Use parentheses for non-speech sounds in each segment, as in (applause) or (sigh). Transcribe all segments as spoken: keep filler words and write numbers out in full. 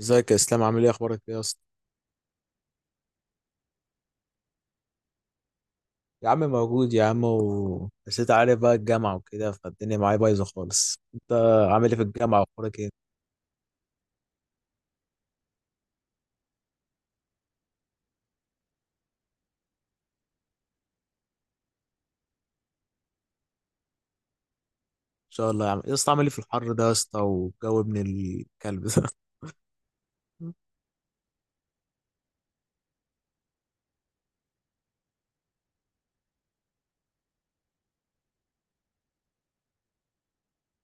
ازيك يا اسلام، عامل ايه؟ اخبارك ايه يا اسطى؟ يا عم موجود يا عم، و... بس انت عارف بقى الجامعه وكده، فالدنيا معايا بايظه خالص. انت عامل ايه في الجامعه؟ واخبارك ايه؟ ان شاء الله يا عم. يا اسطى عامل ايه في الحر ده يا اسطى؟ والجو ابن الكلب ده. (laughs)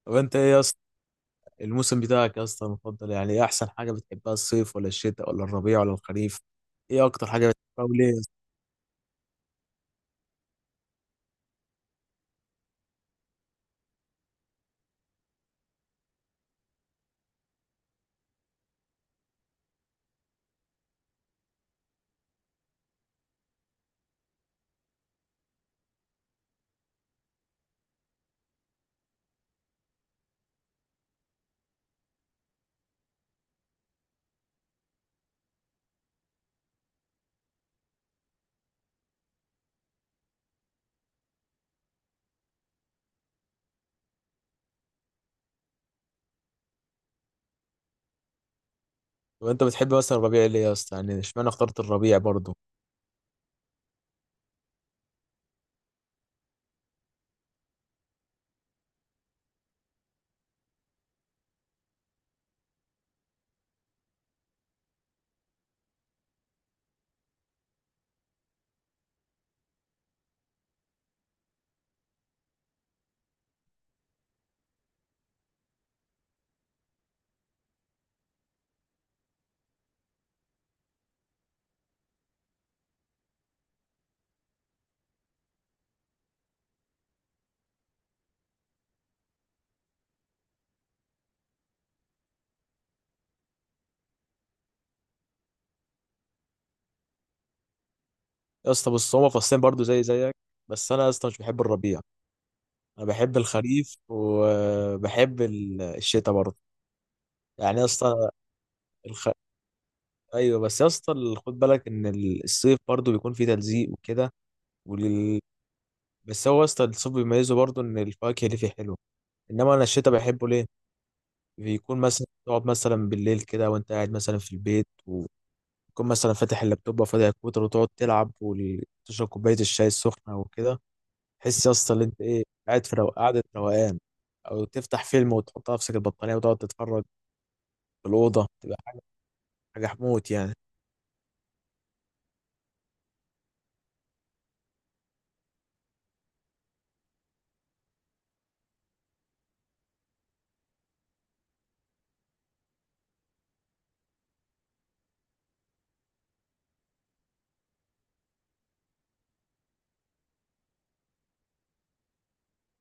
طب انت ايه يا اسطى الموسم بتاعك يا اسطى المفضل؟ يعني ايه احسن حاجه بتحبها؟ الصيف ولا الشتاء ولا الربيع ولا الخريف؟ ايه اكتر حاجه بتحبها وليه يا اسطى؟ طب انت بتحب مثلا الربيع ليه يا اسطى؟ يعني اشمعنى اخترت الربيع برضه؟ يا اسطى بص، هما فصلين برضه زي زيك، بس انا يا اسطى مش بحب الربيع. انا بحب الخريف وبحب ال- الشتاء برضه، يعني يا اسطى الخ... ايوه، بس يا اسطى ال- خد بالك ان ال- الصيف برضه بيكون فيه تلزيق وكده، ولل... بس هو يا اسطى الصيف بيميزه برضه ان الفواكه اللي فيه حلوه. انما انا الشتاء بحبه ليه؟ بيكون مثلا تقعد مثلا بالليل كده، وانت قاعد مثلا في البيت، وتكون مثلا فاتح اللابتوب وفاتح الكمبيوتر، وتقعد تلعب وتشرب كوبايه الشاي السخنه وكده. تحس يا اسطى ان انت ايه، قاعد في رو... قاعده روقان. او تفتح فيلم وتحط على نفسك البطانيه وتقعد تتفرج، الأوضة تبقى حاجة حموت يعني.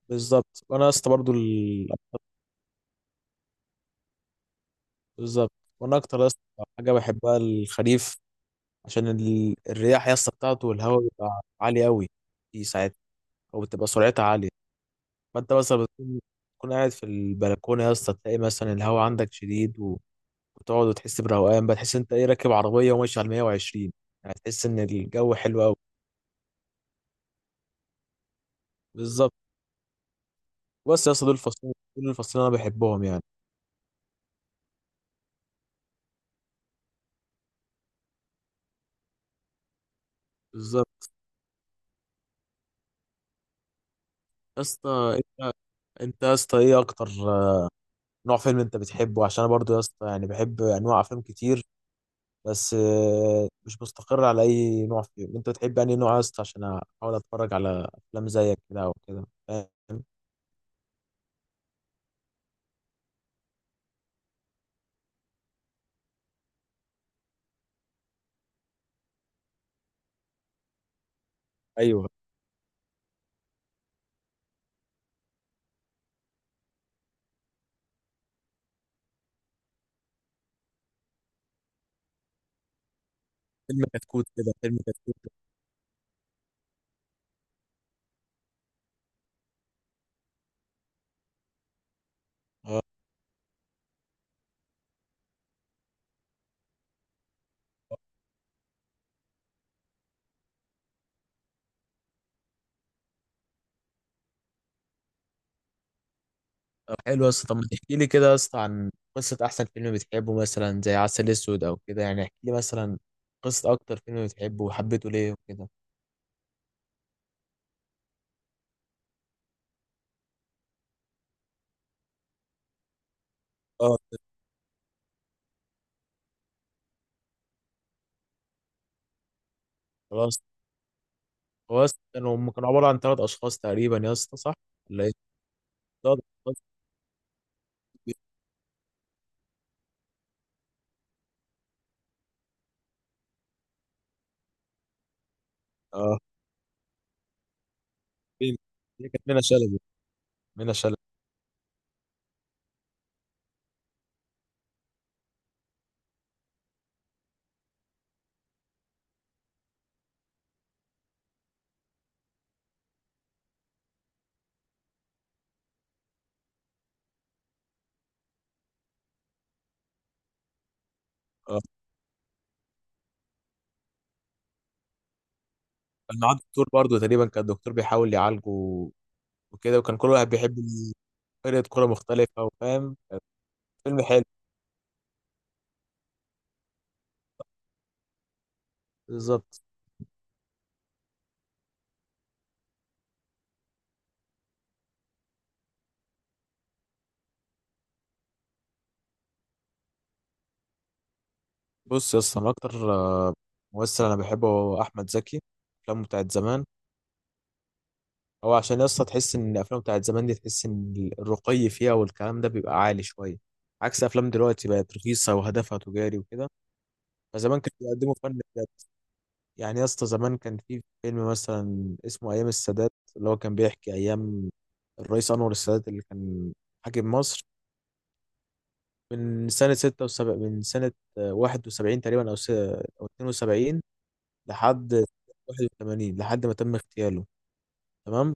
بالظبط، وأنا يا اسطى برضو ال... بالظبط، وأنا أكتر يا اسطى حاجة بحبها الخريف، عشان ال... الرياح يا اسطى بتاعته، والهواء بيبقى عالي أوي، دي ساعات أو بتبقى سرعتها عالية. فأنت مثلا بتكون تكون قاعد في البلكونة يا اسطى، تلاقي مثلا الهواء عندك شديد و... وتقعد وتحس بروقان بقى، تحس أنت إيه، راكب عربية وماشي على مية وعشرين، يعني تحس إن الجو حلو أوي. بالظبط. بس يا اسطى دول الفصلين دول الفصلين أنا بحبهم يعني. بالظبط. يا اسطى انت انت يا اسطى ايه اكتر آه، نوع فيلم انت بتحبه، عشان انا برضه يا اسطى يعني بحب انواع افلام كتير، بس آه، مش مستقر على اي نوع فيهم. انت بتحب انهي نوع يا اسطى؟ عشان احاول اتفرج على افلام زيك كده او كده، فاهم. ايوه، فيلم كتكوت كده، فيلم كتكوت. اه حلو يا اسطى. طب ما تحكي لي كده يا اسطى عن قصه احسن فيلم بتحبه، مثلا زي عسل اسود او كده، يعني احكي لي مثلا قصه اكتر فيلم بتحبه وحبيته ليه وكده. اه خلاص. هو أصلاً كانوا هم كانوا عبارة عن ثلاث أشخاص تقريبا يا اسطى، صح؟ ولا إيه؟ ثلاث أشخاص. اه مين؟ هي كانت منى شلبي. منى شلبي. اه، كان معاه دكتور برضه تقريبا، كان الدكتور بيحاول يعالجه وكده، وكان كل واحد بيحب فرقة كورة مختلفة، وفاهم، كان فيلم حلو. بالظبط. بص يا اسطى، أنا أكتر آه، ممثل أنا بحبه هو أحمد زكي، أفلامه بتاعت زمان. هو عشان يا اسطى تحس إن الأفلام بتاعت زمان دي، تحس إن الرقي فيها والكلام ده بيبقى عالي شوية، عكس أفلام دلوقتي، بقت رخيصة وهدفها تجاري وكده. زمان كانوا بيقدموا فن بجد. يعني يا اسطى زمان كان في فيلم مثلا اسمه ايام السادات، اللي هو كان بيحكي ايام الرئيس انور السادات اللي كان حاكم مصر من سنة ستة وسبعين من سنة واحد وسبعين تقريبا، أو س... أو اتنين وسبعين، لحد واحد وتمانين، لحد ما تم اغتياله. تمام.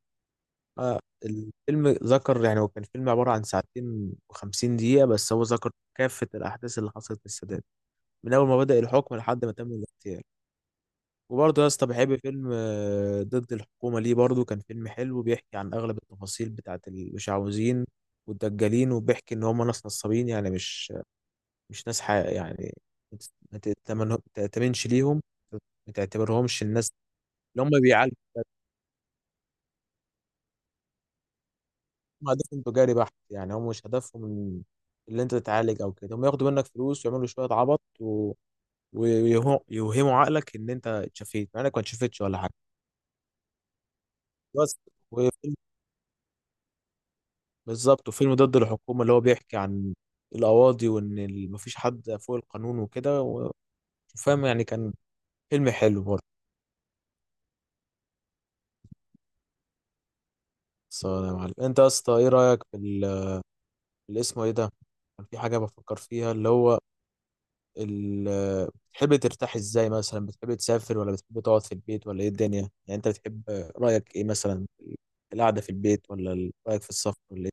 الفيلم ذكر، يعني هو كان فيلم عبارة عن ساعتين وخمسين دقيقة، بس هو ذكر كافة الأحداث اللي حصلت للسادات من أول ما بدأ الحكم لحد ما تم الاغتيال. وبرضه يا اسطى بحب فيلم آه، ضد الحكومة. ليه برضه كان فيلم حلو؟ بيحكي عن أغلب التفاصيل بتاعة المشعوذين والدجالين، وبيحكي إن هم ناس نصابين، يعني مش مش ناس حق يعني، ما تتمنه- ما تأتمنش ليهم، ما تعتبرهمش. الناس اللي هم بيعالجوا هم هدفهم تجاري بحت، يعني هم مش هدفهم اللي أنت تتعالج أو كده، هم ياخدوا منك فلوس ويعملوا شوية عبط و... ويوهموا عقلك إن أنت اتشفيت مع إنك ما اتشفتش ولا حاجة بس. بالظبط. وفيلم ضد الحكومة اللي هو بيحكي عن القواضي، وإن ال- مفيش حد فوق القانون وكده و- وفاهم يعني، كان فيلم حلو برضه. بس يا معلم، أنت يا اسطى إيه رأيك في ال- اللي اسمه إيه ده؟ كان في حاجة بفكر فيها، اللي هو ال- بتحب ترتاح إزاي؟ مثلا بتحب تسافر، ولا بتحب تقعد في البيت، ولا إيه الدنيا؟ يعني أنت بتحب، رأيك إيه مثلا، القعدة في البيت ولا ال- رأيك في السفر، ولا إيه؟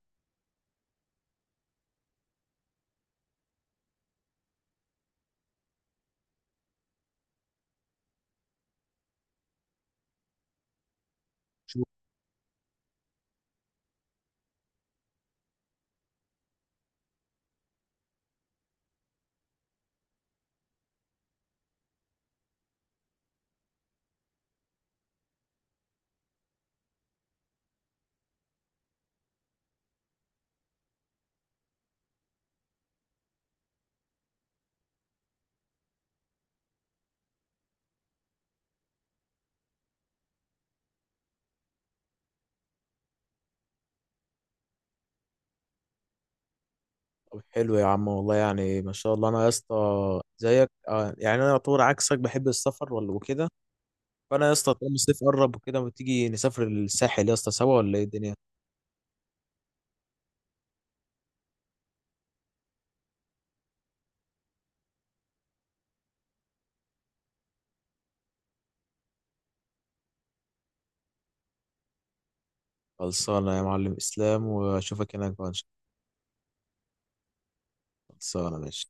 طب حلو يا عم، والله يعني ما شاء الله. أنا يا اسطى زيك، آه، يعني أنا يعتبر عكسك، بحب السفر ولا وكده. فانا يا اسطى طالما الصيف قرب وكده، ما تيجي نسافر الساحل يا اسطى سوا، ولا ايه الدنيا؟ خلصانه يا معلم اسلام، واشوفك هناك بقى إن شاء الله. خلصانه ماشي.